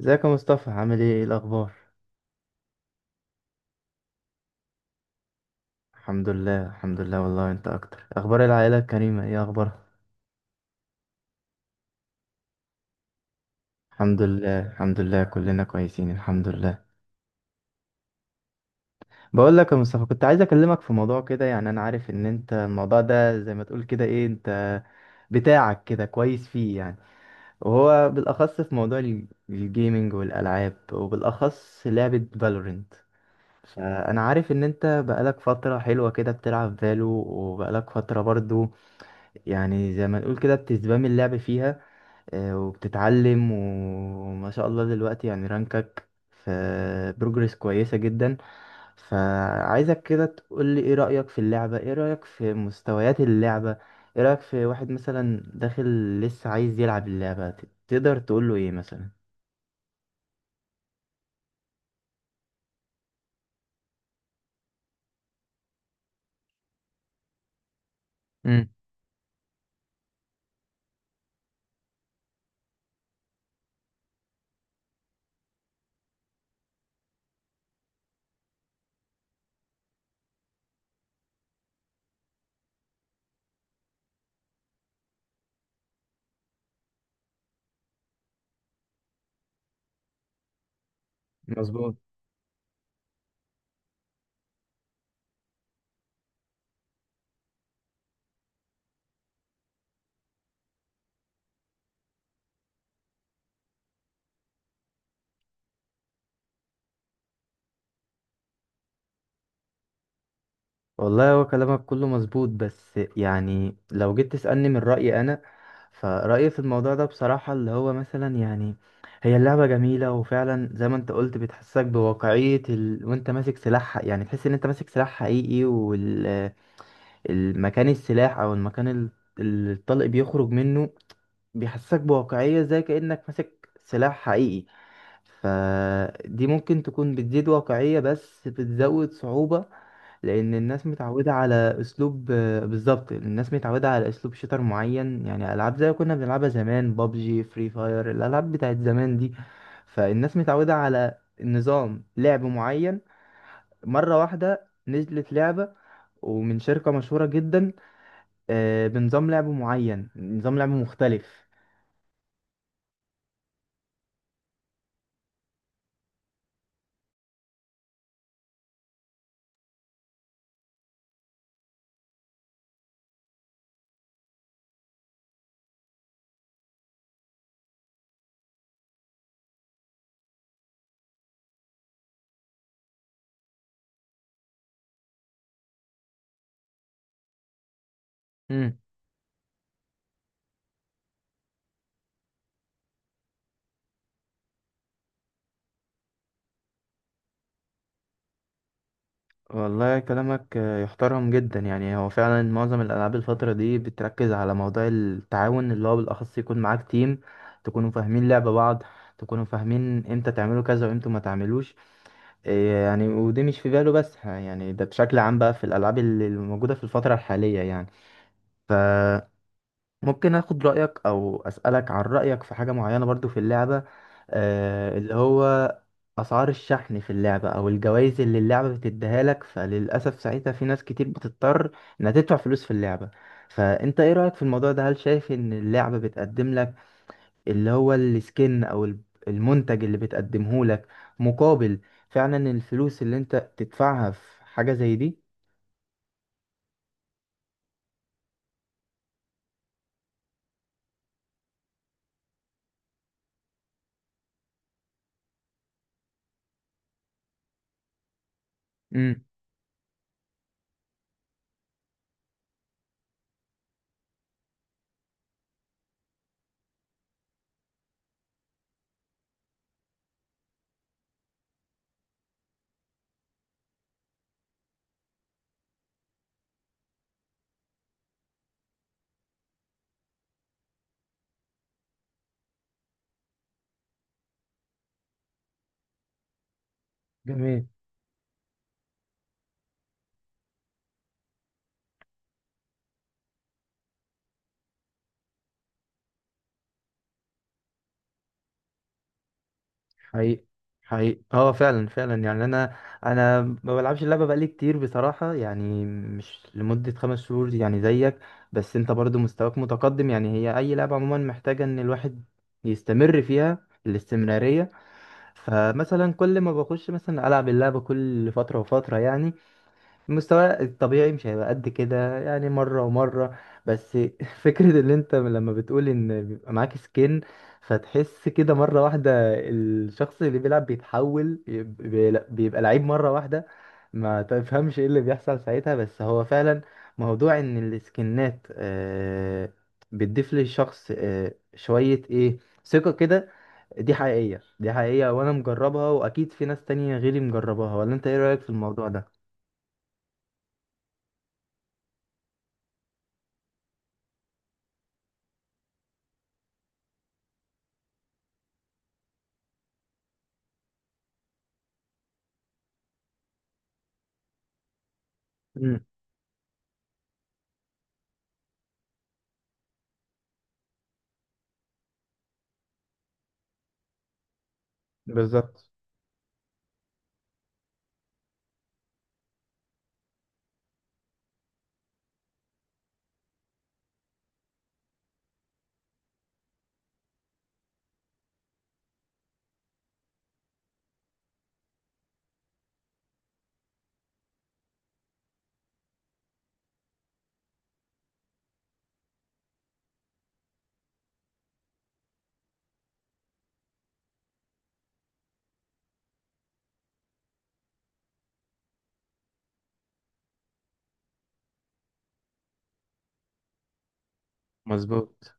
ازيك يا مصطفى، عامل ايه الاخبار؟ الحمد لله الحمد لله والله، انت اكتر، اخبار العائله الكريمه ايه اخبارها؟ الحمد لله الحمد لله كلنا كويسين الحمد لله. بقول لك يا مصطفى، كنت عايز اكلمك في موضوع كده يعني. انا عارف ان انت الموضوع ده زي ما تقول كده ايه، انت بتاعك كده كويس فيه يعني، وهو بالاخص في موضوع الجيمينج والالعاب، وبالاخص لعبه فالورنت. فانا عارف ان انت بقالك فتره حلوه كده بتلعب فالو، وبقالك فتره برضو يعني زي ما نقول كده بتسبام اللعب فيها، وبتتعلم، وما شاء الله دلوقتي يعني رانكك في بروجرس كويسة جدا. فعايزك كده تقول لي ايه رأيك في اللعبة، ايه رأيك في مستويات اللعبة، ايه رأيك في واحد مثلا داخل لسه عايز يلعب اللعبة، تقدر تقول له ايه مثلا؟ امم مظبوط. والله هو كلامك كله مظبوط، بس يعني لو جيت تسألني من رأيي أنا، فرأيي في الموضوع ده بصراحة اللي هو مثلا يعني، هي اللعبة جميلة وفعلا زي ما انت قلت بتحسسك بواقعية ال... وانت ماسك سلاح، يعني تحس ان انت ماسك سلاح حقيقي. والمكان السلاح او المكان اللي الطلق بيخرج منه بيحسسك بواقعية زي كأنك ماسك سلاح حقيقي. فدي ممكن تكون بتزيد واقعية بس بتزود صعوبة، لان الناس متعوده على اسلوب. بالظبط، الناس متعوده على اسلوب شيتر معين، يعني العاب زي كنا بنلعبها زمان، بابجي، فري فاير، الالعاب بتاعت زمان دي. فالناس متعوده على نظام لعب معين، مره واحده نزلت لعبه ومن شركه مشهوره جدا بنظام لعب معين، نظام لعب مختلف. والله كلامك يحترم جدا، يعني هو فعلا معظم الألعاب الفترة دي بتركز على موضوع التعاون، اللي هو بالأخص يكون معاك تيم، تكونوا فاهمين لعب بعض، تكونوا فاهمين امتى تعملوا كذا وامتى ما تعملوش. إيه يعني، ودي مش في باله بس يعني ده بشكل عام بقى في الألعاب اللي موجودة في الفترة الحالية يعني. ف ممكن اخد رأيك او اسألك عن رأيك في حاجة معينة برضو في اللعبة، آه اللي هو اسعار الشحن في اللعبة، او الجوائز اللي اللعبة بتديها لك. فللأسف ساعتها في ناس كتير بتضطر انها تدفع فلوس في اللعبة. فانت ايه رأيك في الموضوع ده، هل شايف ان اللعبة بتقدم لك اللي هو السكن او المنتج اللي بتقدمه لك مقابل فعلا الفلوس اللي انت بتدفعها في حاجة زي دي؟ امم جميل. حقيقي، حقيقي، اه فعلا فعلا، يعني انا ما بلعبش اللعبه بقالي كتير بصراحه، يعني مش لمده 5 شهور يعني زيك. بس انت برضو مستواك متقدم، يعني هي اي لعبه عموما محتاجه ان الواحد يستمر فيها، الاستمراريه. فمثلا كل ما بخش مثلا العب اللعبه كل فتره وفتره يعني، المستوى الطبيعي مش هيبقى قد كده، يعني مرة ومرة. بس فكرة اللي انت لما بتقول ان بيبقى معاك سكين فتحس كده مرة واحدة، الشخص اللي بيلعب بيتحول، بيبقى لعيب مرة واحدة، ما تفهمش ايه اللي بيحصل ساعتها. بس هو فعلا موضوع ان السكنات بتضيف للشخص شوية ايه، ثقة كده. دي حقيقية دي حقيقية، وانا مجربها، واكيد في ناس تانية غيري مجربها، ولا انت ايه رأيك في الموضوع ده؟ بالظبط، مظبوط.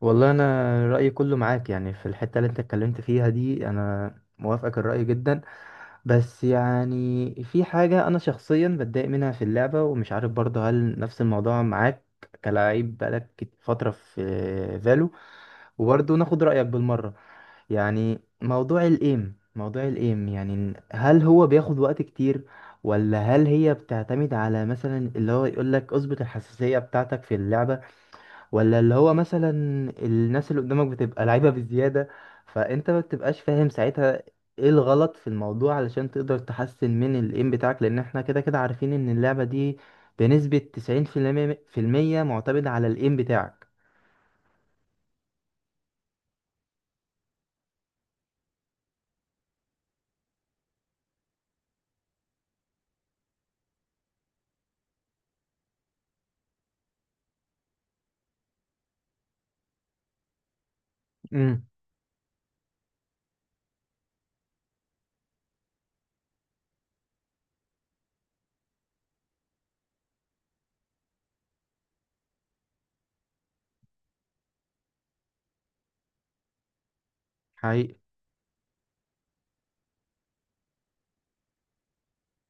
والله انا رايي كله معاك، يعني في الحته اللي انت اتكلمت فيها دي انا موافقك الراي جدا. بس يعني في حاجه انا شخصيا بتضايق منها في اللعبه، ومش عارف برضه هل نفس الموضوع معاك كلاعب بقالك فتره في فالو، وبرضه ناخد رايك بالمره. يعني موضوع الايم، موضوع الايم، يعني هل هو بياخد وقت كتير، ولا هل هي بتعتمد على مثلا اللي هو يقولك اظبط الحساسيه بتاعتك في اللعبه، ولا اللي هو مثلا الناس اللي قدامك بتبقى لعيبة بزيادة فانت ما بتبقاش فاهم ساعتها ايه الغلط في الموضوع علشان تقدر تحسن من الايم بتاعك؟ لان احنا كده كده عارفين ان اللعبة دي بنسبة تسعين في المية معتمدة على الايم بتاعك. امم حقيقي.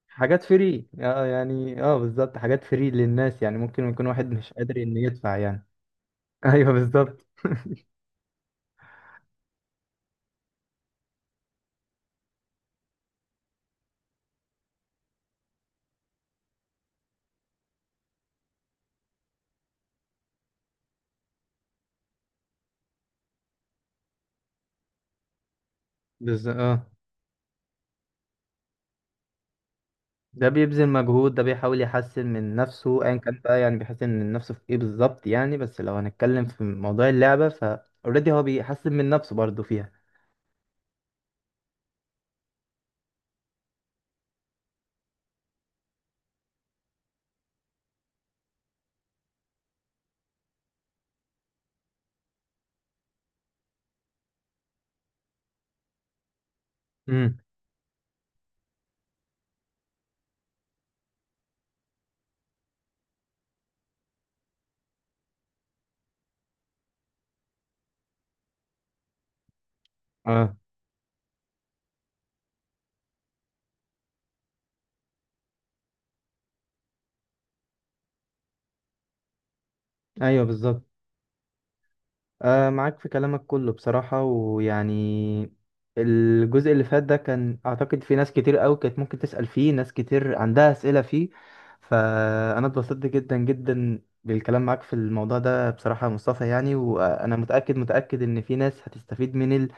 حاجات فري اه يعني، اه بالظبط، حاجات فري للناس، يعني ممكن يكون واحد مش قادر انه يدفع يعني. ايوه بالظبط. بالظبط اه، ده بيبذل مجهود، ده بيحاول يحسن من نفسه ايا كان بقى، يعني بيحسن من نفسه في ايه بالظبط يعني. بس لو هنتكلم في موضوع اللعبة، اوريدي هو بيحسن من نفسه برضه فيها. امم اه، ايوه بالظبط. معاك في كلامك كله بصراحة، ويعني الجزء اللي فات ده كان أعتقد في ناس كتير أوي كانت ممكن تسأل فيه، ناس كتير عندها أسئلة فيه. فأنا اتبسطت جدا جدا بالكلام معاك في الموضوع ده بصراحة يا مصطفى، يعني وأنا متأكد متأكد إن في ناس هتستفيد من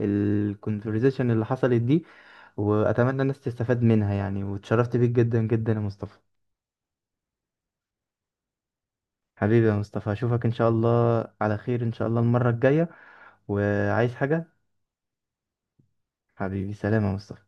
الكونفرزيشن اللي حصلت دي. وأتمنى الناس تستفاد منها يعني، واتشرفت بيك جدا جدا يا مصطفى. حبيبي يا مصطفى، أشوفك إن شاء الله على خير، إن شاء الله المرة الجاية، وعايز حاجة. حبيبي، سلام يا مصطفى.